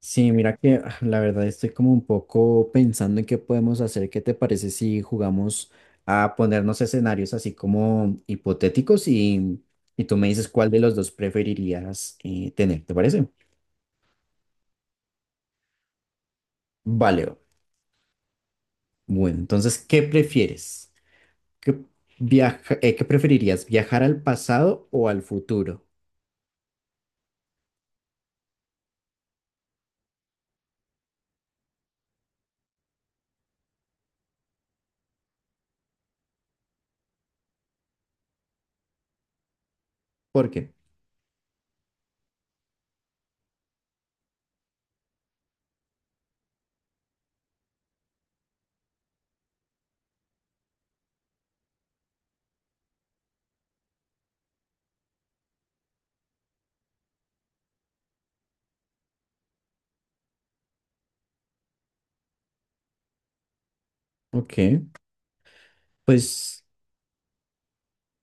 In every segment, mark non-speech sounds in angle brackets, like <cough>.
Sí, mira que la verdad estoy como un poco pensando en qué podemos hacer. ¿Qué te parece si jugamos a ponernos escenarios así como hipotéticos y tú me dices cuál de los dos preferirías tener? ¿Te parece? Vale, bueno, entonces, ¿qué prefieres? ¿Qué qué preferirías? ¿Viajar al pasado o al futuro? ¿Por qué? Ok, pues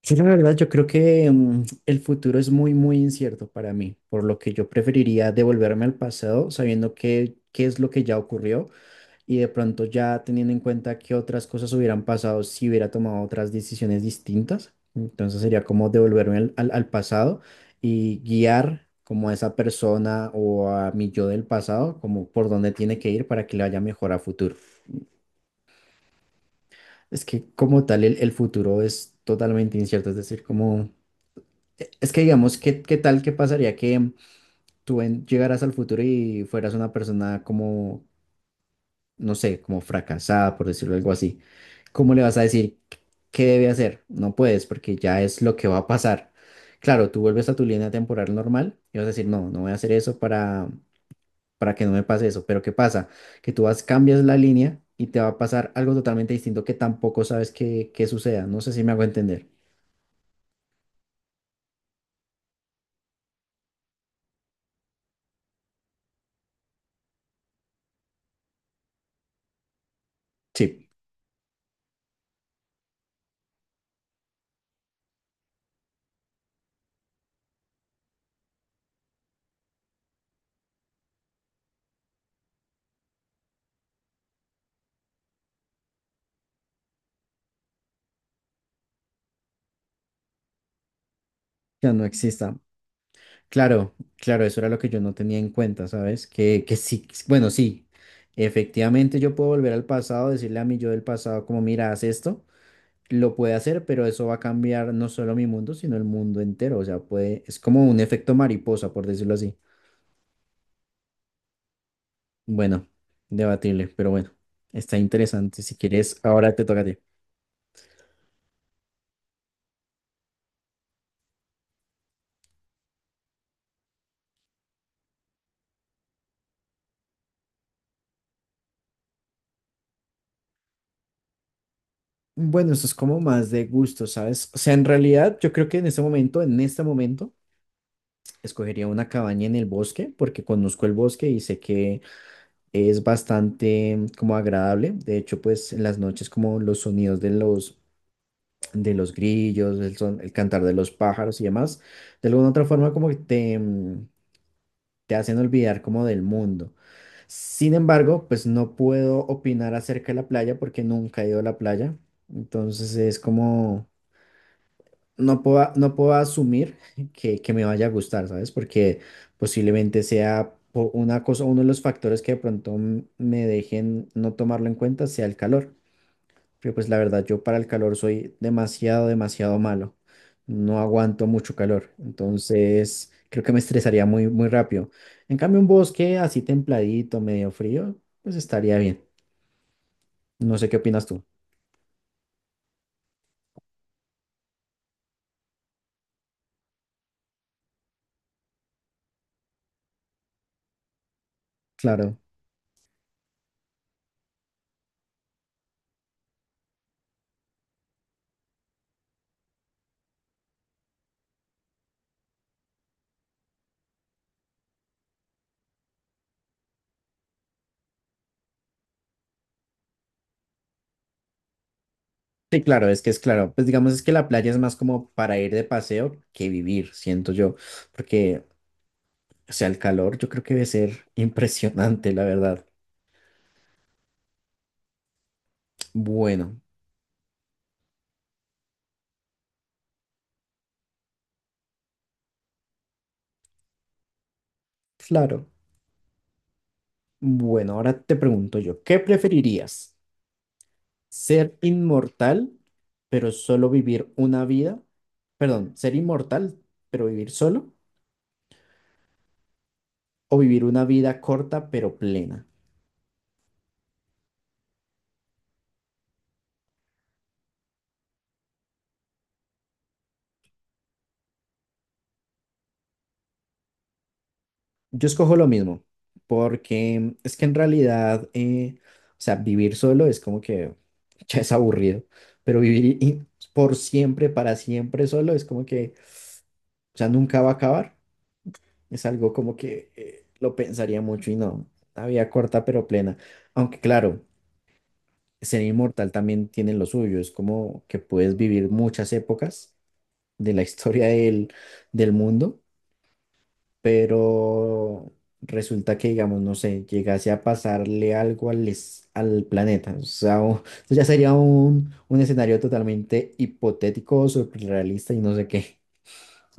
sí, la verdad, yo creo que el futuro es muy, muy incierto para mí, por lo que yo preferiría devolverme al pasado sabiendo qué es lo que ya ocurrió y de pronto ya teniendo en cuenta qué otras cosas hubieran pasado si hubiera tomado otras decisiones distintas. Entonces sería como devolverme al pasado y guiar como a esa persona o a mi yo del pasado, como por dónde tiene que ir para que le vaya mejor a futuro. Es que como tal el futuro es totalmente incierto, es decir, como... Es que digamos, ¿qué tal qué pasaría que llegaras al futuro y fueras una persona como, no sé, como fracasada, por decirlo algo así? ¿Cómo le vas a decir qué debe hacer? No puedes, porque ya es lo que va a pasar. Claro, tú vuelves a tu línea temporal normal y vas a decir, no, no voy a hacer eso para que no me pase eso. Pero ¿qué pasa? Que tú vas, cambias la línea y te va a pasar algo totalmente distinto que tampoco sabes que suceda. No sé si me hago entender. Sí. Ya no exista. Claro, claro, eso era lo que yo no tenía en cuenta, ¿sabes? Que sí, bueno, sí, efectivamente yo puedo volver al pasado, decirle a mi yo del pasado como, mira, haz esto, lo puede hacer, pero eso va a cambiar no solo mi mundo, sino el mundo entero, o sea, puede, es como un efecto mariposa, por decirlo así. Bueno, debatible, pero bueno, está interesante. Si quieres, ahora te toca a ti. Bueno, eso es como más de gusto, ¿sabes? O sea, en realidad yo creo que en este momento, escogería una cabaña en el bosque porque conozco el bosque y sé que es bastante como agradable. De hecho, pues en las noches como los sonidos de los grillos, el cantar de los pájaros y demás, de alguna u otra forma como que te te hacen olvidar como del mundo. Sin embargo, pues no puedo opinar acerca de la playa porque nunca he ido a la playa. Entonces es como no puedo, no puedo asumir que me vaya a gustar, ¿sabes? Porque posiblemente sea una cosa, uno de los factores que de pronto me dejen no tomarlo en cuenta sea el calor. Pero pues la verdad, yo para el calor soy demasiado, demasiado malo. No aguanto mucho calor. Entonces, creo que me estresaría muy, muy rápido. En cambio, un bosque así templadito, medio frío, pues estaría bien. No sé qué opinas tú. Claro. Sí, claro, es que es claro. Pues digamos es que la playa es más como para ir de paseo que vivir, siento yo, porque, o sea, el calor yo creo que debe ser <laughs> impresionante, la verdad. Bueno, claro. Bueno, ahora te pregunto yo, ¿qué preferirías? ¿Ser inmortal, pero solo vivir una vida? Perdón, ¿ser inmortal, pero vivir solo? ¿O vivir una vida corta, pero plena? Yo escojo lo mismo, porque es que en realidad, o sea, vivir solo es como que <laughs> ya es aburrido, pero por siempre, para siempre solo es como que, o sea, nunca va a acabar. Es algo como que lo pensaría mucho y no, una vida corta pero plena. Aunque claro, ser inmortal también tiene lo suyo, es como que puedes vivir muchas épocas de la <laughs> historia del mundo, pero resulta que, digamos, no sé, llegase a pasarle algo al planeta. O sea, eso ya sería un escenario totalmente hipotético, surrealista y no sé qué.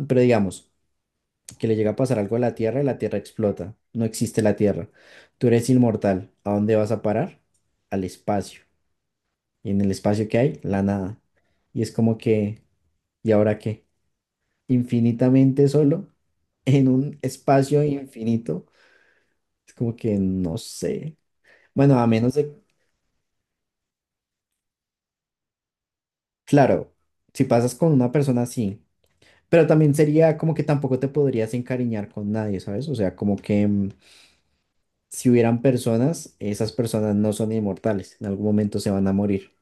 Pero digamos, que le llega a pasar algo a la Tierra y la Tierra explota. No existe la Tierra. Tú eres inmortal. ¿A dónde vas a parar? Al espacio. Y en el espacio que hay, la nada. Y es como que, ¿y ahora qué? Infinitamente solo en un espacio infinito. Es como que no sé. Bueno, a menos de, claro, si pasas con una persona así, pero también sería como que tampoco te podrías encariñar con nadie, ¿sabes? O sea, como que si hubieran personas, esas personas no son inmortales, en algún momento se van a morir.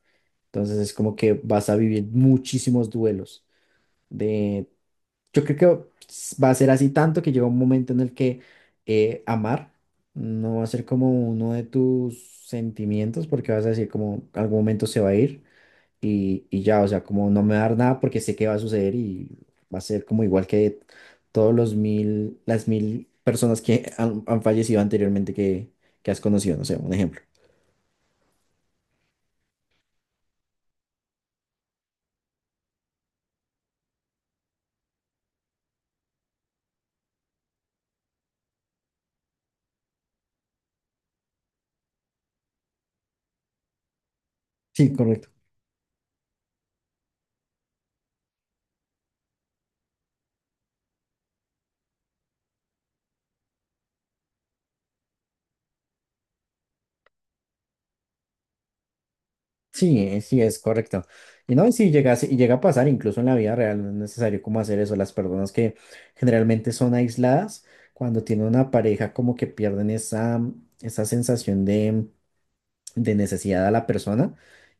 Entonces es como que vas a vivir muchísimos duelos de, yo creo que va a ser así tanto que llega un momento en el que amar no va a ser como uno de tus sentimientos porque vas a decir como algún momento se va a ir y ya, o sea, como no me va a dar nada porque sé que va a suceder y va a ser como igual que todos las mil personas que <laughs> han fallecido anteriormente que has conocido, no sé, un ejemplo. Sí, correcto. Sí, sí, es correcto. Y no, y sí llega, y llega a pasar incluso en la vida real, no es necesario como hacer eso. Las personas que generalmente son aisladas, cuando tienen una pareja, como que pierden esa sensación de necesidad a la persona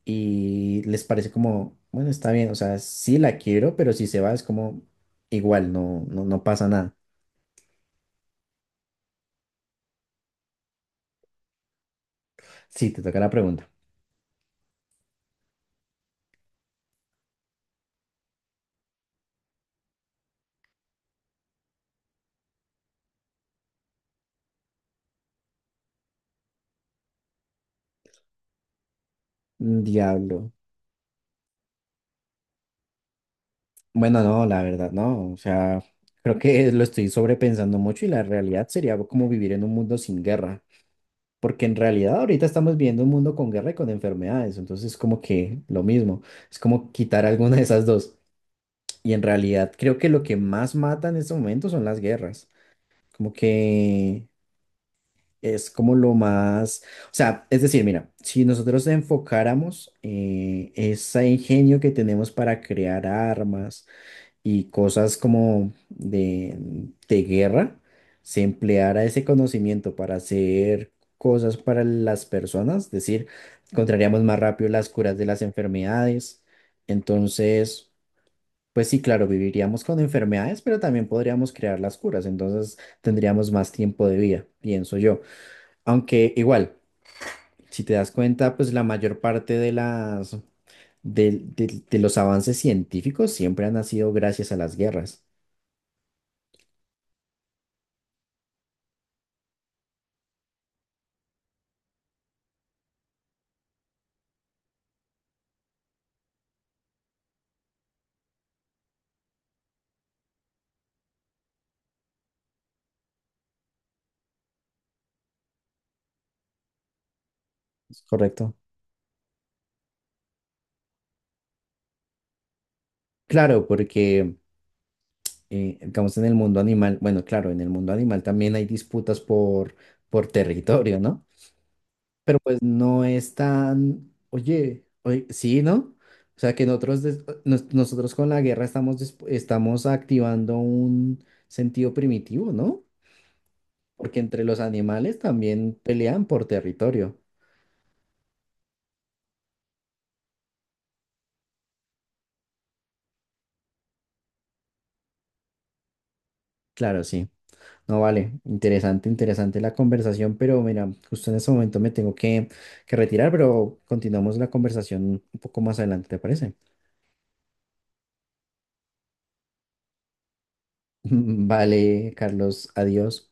y les parece como, bueno, está bien, o sea, sí la quiero, pero si se va es como igual, no, no, no pasa nada. Sí, te toca la pregunta. Diablo. Bueno, no, la verdad, no, o sea, creo que lo estoy sobrepensando mucho y la realidad sería como vivir en un mundo sin guerra. Porque en realidad ahorita estamos viviendo un mundo con guerra y con enfermedades, entonces como que lo mismo, es como quitar alguna de esas dos. Y en realidad creo que lo que más mata en este momento son las guerras. Como que es como lo más, o sea, es decir, mira, si nosotros enfocáramos ese ingenio que tenemos para crear armas y cosas como de guerra, se empleara ese conocimiento para hacer cosas para las personas, es decir, encontraríamos más rápido las curas de las enfermedades. Entonces... Pues sí, claro, viviríamos con enfermedades, pero también podríamos crear las curas, entonces tendríamos más tiempo de vida, pienso yo. Aunque igual, si te das cuenta, pues la mayor parte de las de los avances científicos siempre han nacido gracias a las guerras. ¿Es correcto? Claro, porque digamos en el mundo animal, bueno, claro, en el mundo animal también hay disputas por territorio, ¿no? Pero pues no es tan, oye, oye, sí, ¿no? O sea que nosotros con la guerra estamos, estamos activando un sentido primitivo, ¿no? Porque entre los animales también pelean por territorio. Claro, sí. No, vale, interesante, interesante la conversación, pero mira, justo en ese momento me tengo que retirar, pero continuamos la conversación un poco más adelante, ¿te parece? <laughs> Vale, Carlos, adiós.